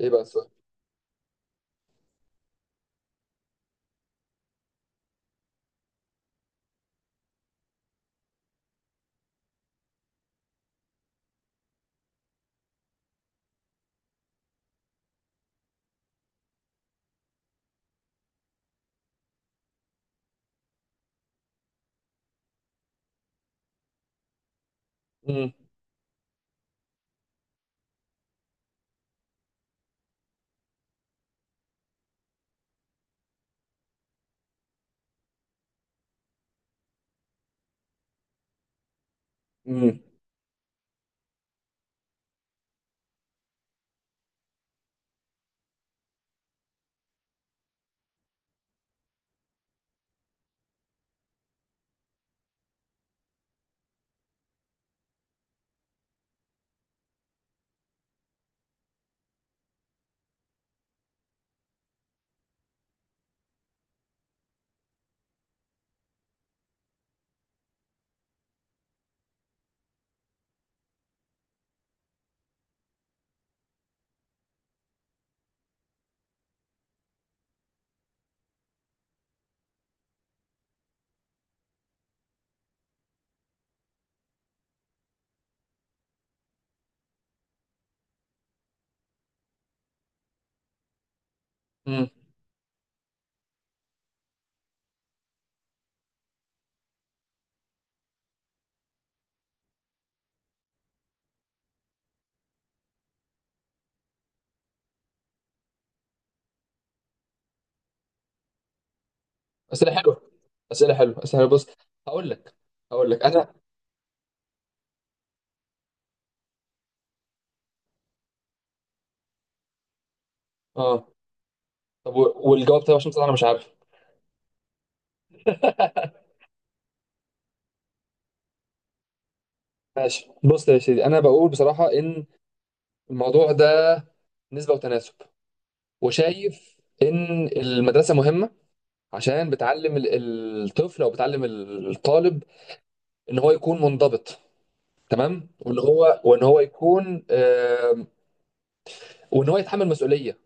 ايه بقى السؤال؟ امم امم امم اسئله حلوه، اسئله حلوه، اسئله حلوة. بص، هقول لك هقول لك انا. اه، طب والجواب، طيب عشان بصراحه انا مش عارف. ماشي، بص يا سيدي، انا بقول بصراحه ان الموضوع ده نسبه وتناسب، وشايف ان المدرسه مهمه عشان بتعلم الطفل، او بتعلم الطالب ان هو يكون منضبط تمام، وان هو يكون وان هو يتحمل مسؤوليه،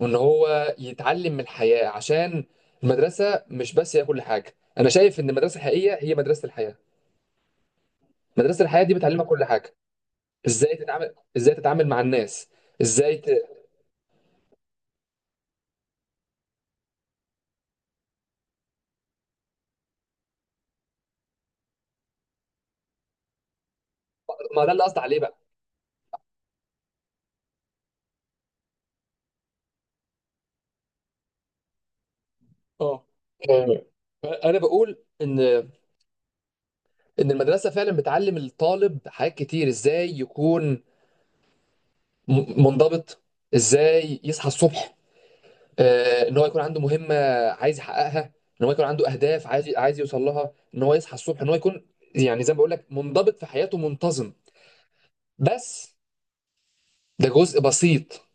وان هو يتعلم من الحياه، عشان المدرسه مش بس هي كل حاجه. انا شايف ان المدرسه الحقيقيه هي مدرسه الحياه. مدرسه الحياه دي بتعلمك كل حاجه، ازاي تتعامل مع الناس، ازاي ت... ما ده اللي قصدي عليه بقى. اه، آه. انا بقول ان المدرسه فعلا بتعلم الطالب حاجات كتير، ازاي يكون منضبط، ازاي يصحى الصبح، ان هو يكون عنده مهمه عايز يحققها، ان هو يكون عنده اهداف عايز يوصل لها، ان هو يصحى الصبح، ان هو يكون يعني زي ما بقول لك منضبط في حياته، منتظم. بس ده جزء بسيط.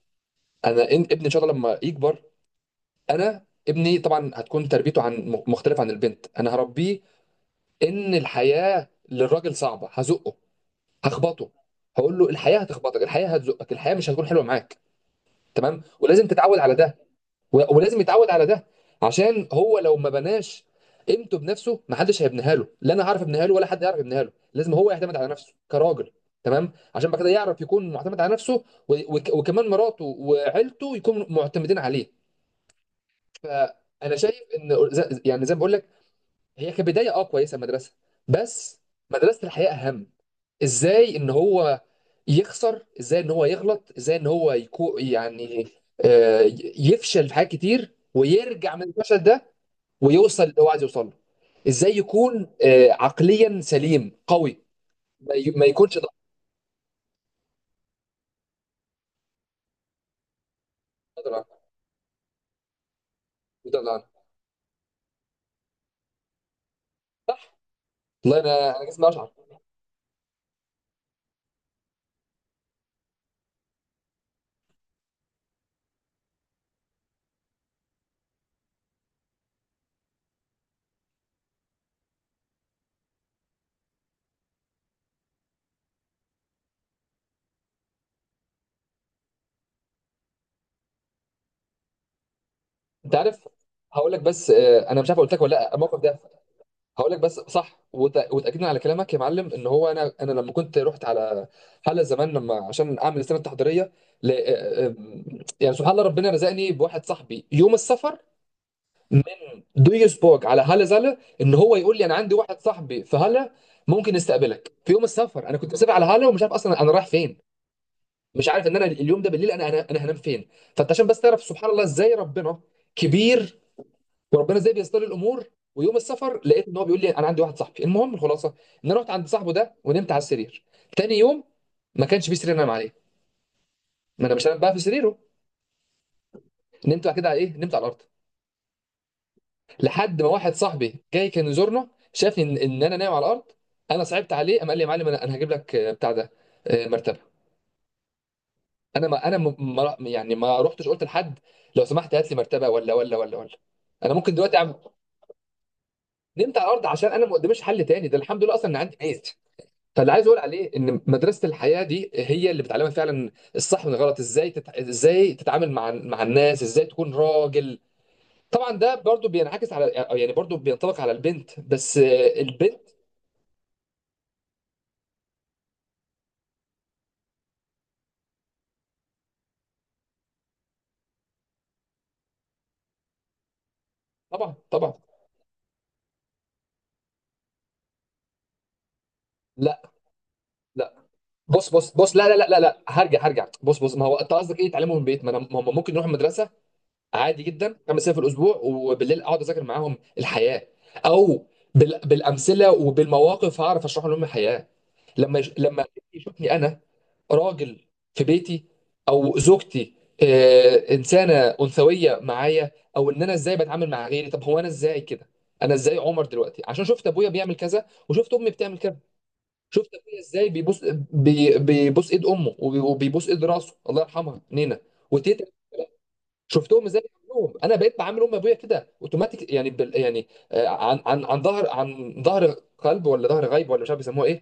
انا ابني ان شاء الله لما يكبر، انا ابني طبعا هتكون تربيته مختلفه عن البنت. انا هربيه ان الحياه للراجل صعبه، هزقه، هخبطه، هقول له الحياه هتخبطك، الحياه هتزقك، الحياه مش هتكون حلوه معاك. تمام، ولازم تتعود على ده، ولازم يتعود على ده، عشان هو لو ما بناش قيمته بنفسه ما حدش هيبنيها له، لا انا هعرف ابنيها له ولا حد يعرف يبنيها له، لازم هو يعتمد على نفسه كراجل. تمام، عشان بعد كده يعرف يكون معتمد على نفسه، وكمان مراته وعيلته يكونوا معتمدين عليه. فانا شايف ان يعني زي ما بقول لك، هي كبدايه كويسه المدرسه، بس مدرسه الحياه اهم. ازاي ان هو يخسر، ازاي ان هو يغلط، ازاي ان هو يعني، آه، يفشل في حاجات كتير ويرجع من الفشل ده، ويوصل اللي هو عايز يوصل له. ازاي يكون عقليا سليم قوي، ما يكونش ضعيف. ضعيف- ضعيف. والله انا جسمي اشعر. انت عارف، هقول لك بس، انا مش عارف قلت لك ولا لا الموقف ده. هقول لك بس صح، وتاكيدا على كلامك يا معلم، ان هو انا لما كنت رحت على حلقه زمان، لما عشان اعمل السنه التحضيريه ل... آه، آه، يعني سبحان الله ربنا رزقني بواحد صاحبي يوم السفر من دويسبورج على هالا زالا، ان هو يقول لي انا عندي واحد صاحبي في هالا، ممكن يستقبلك في يوم السفر. انا كنت مسافر على هالا، ومش عارف اصلا انا رايح فين، مش عارف ان انا اليوم ده بالليل، أنا هنام فين. فانت عشان بس تعرف سبحان الله ازاي ربنا كبير، وربنا ازاي بيستر الامور. ويوم السفر لقيت ان هو بيقول لي انا عندي واحد صاحبي، المهم الخلاصه، ان انا رحت عند صاحبه ده ونمت على السرير. تاني يوم ما كانش فيه سرير انام عليه، ما انا مش هنام بقى في سريره، نمت بعد كده على ايه، نمت على الارض. لحد ما واحد صاحبي جاي كان يزورنا، شافني ان انا نايم على الارض، انا صعبت عليه، قام قال لي يا معلم، انا هجيب لك بتاع ده، مرتبه. انا ما انا ما يعني ما رحتش قلت لحد، لو سمحت هات لي مرتبه، ولا ولا ولا ولا انا ممكن دلوقتي اعمل، نمت على الارض عشان انا ما قداميش حل تاني. ده الحمد لله اصلا ان عندي ميز. فاللي عايز اقول عليه ان مدرسه الحياه دي هي اللي بتعلمك فعلا الصح من الغلط، ازاي ازاي تتعامل مع الناس، ازاي تكون راجل. طبعا ده برضو بينعكس على، يعني برضو بينطبق على البنت، بس البنت طبعا طبعا. لا لا، بص بص بص، لا لا لا لا لا، هرجع هرجع، بص بص، ما هو انت قصدك ايه تعلمه من البيت؟ ما انا ما هم ممكن نروح المدرسه عادي جدا خمس ايام في الاسبوع، وبالليل اقعد اذاكر معاهم الحياه، او بالامثله وبالمواقف هعرف اشرح لهم الحياه، لما يشوفني انا راجل في بيتي، او زوجتي انسانه انثويه معايا، او ان انا ازاي بتعامل مع غيري. طب هو انا ازاي كده؟ انا ازاي عمر دلوقتي؟ عشان شفت ابويا بيعمل كذا، وشفت امي بتعمل كذا. شفت ابويا ازاي بيبوس ايد امه، وبيبوس ايد راسه الله يرحمها نينا وتيتا. شفتهم ازاي بيعملوهم، انا بقيت بعامل ام ابويا كده اوتوماتيك، يعني بال يعني عن ظهر، عن ظهر قلب، ولا ظهر غيب، ولا مش عارف بيسموه ايه،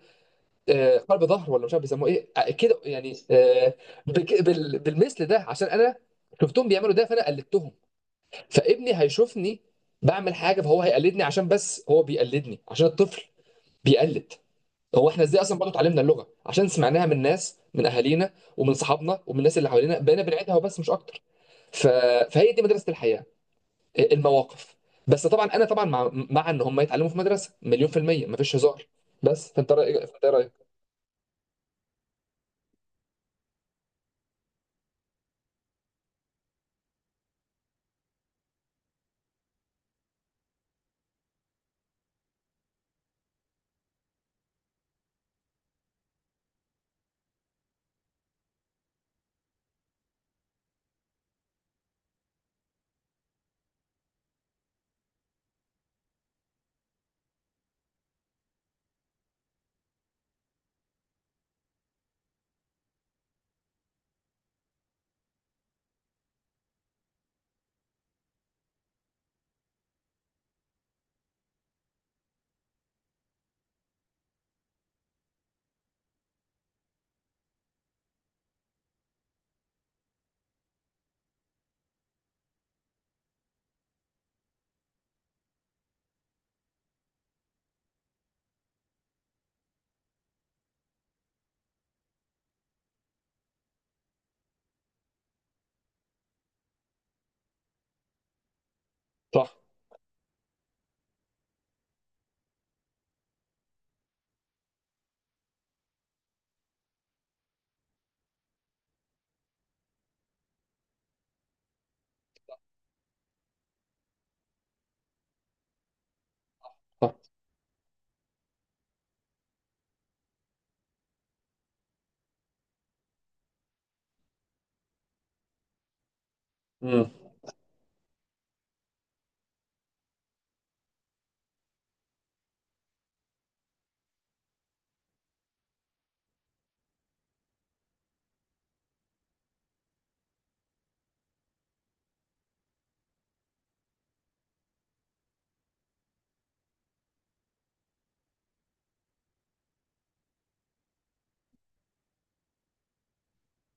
قلب ظهر، ولا مش عارف بيسموه ايه، كده يعني، بالمثل ده، عشان انا شفتهم بيعملوا ده فانا قلدتهم. فابني هيشوفني بعمل حاجه فهو هيقلدني، عشان بس هو بيقلدني عشان الطفل بيقلد. هو احنا ازاي اصلا برضه اتعلمنا اللغه؟ عشان سمعناها من ناس، من اهالينا ومن صحابنا ومن الناس اللي حوالينا، بقينا بنعيدها وبس مش اكتر. ف... فهي دي مدرسه الحياه، المواقف. بس طبعا انا طبعا مع ان هم يتعلموا في مدرسه، مليون في الميه مفيش هزار. بس فانت إيه رايك؟ صح، صح. امم،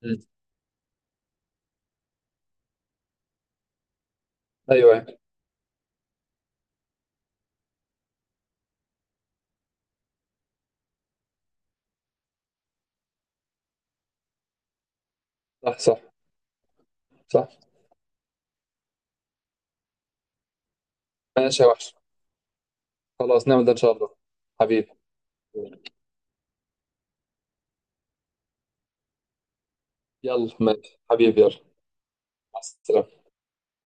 أمم. ايوه، أيوة. صح، صح، صح. ماشي يا وحش، خلاص نعمل ده ان شاء الله. حبيبي، يلا، ماشي حبيبي، يلا. مع السلامه.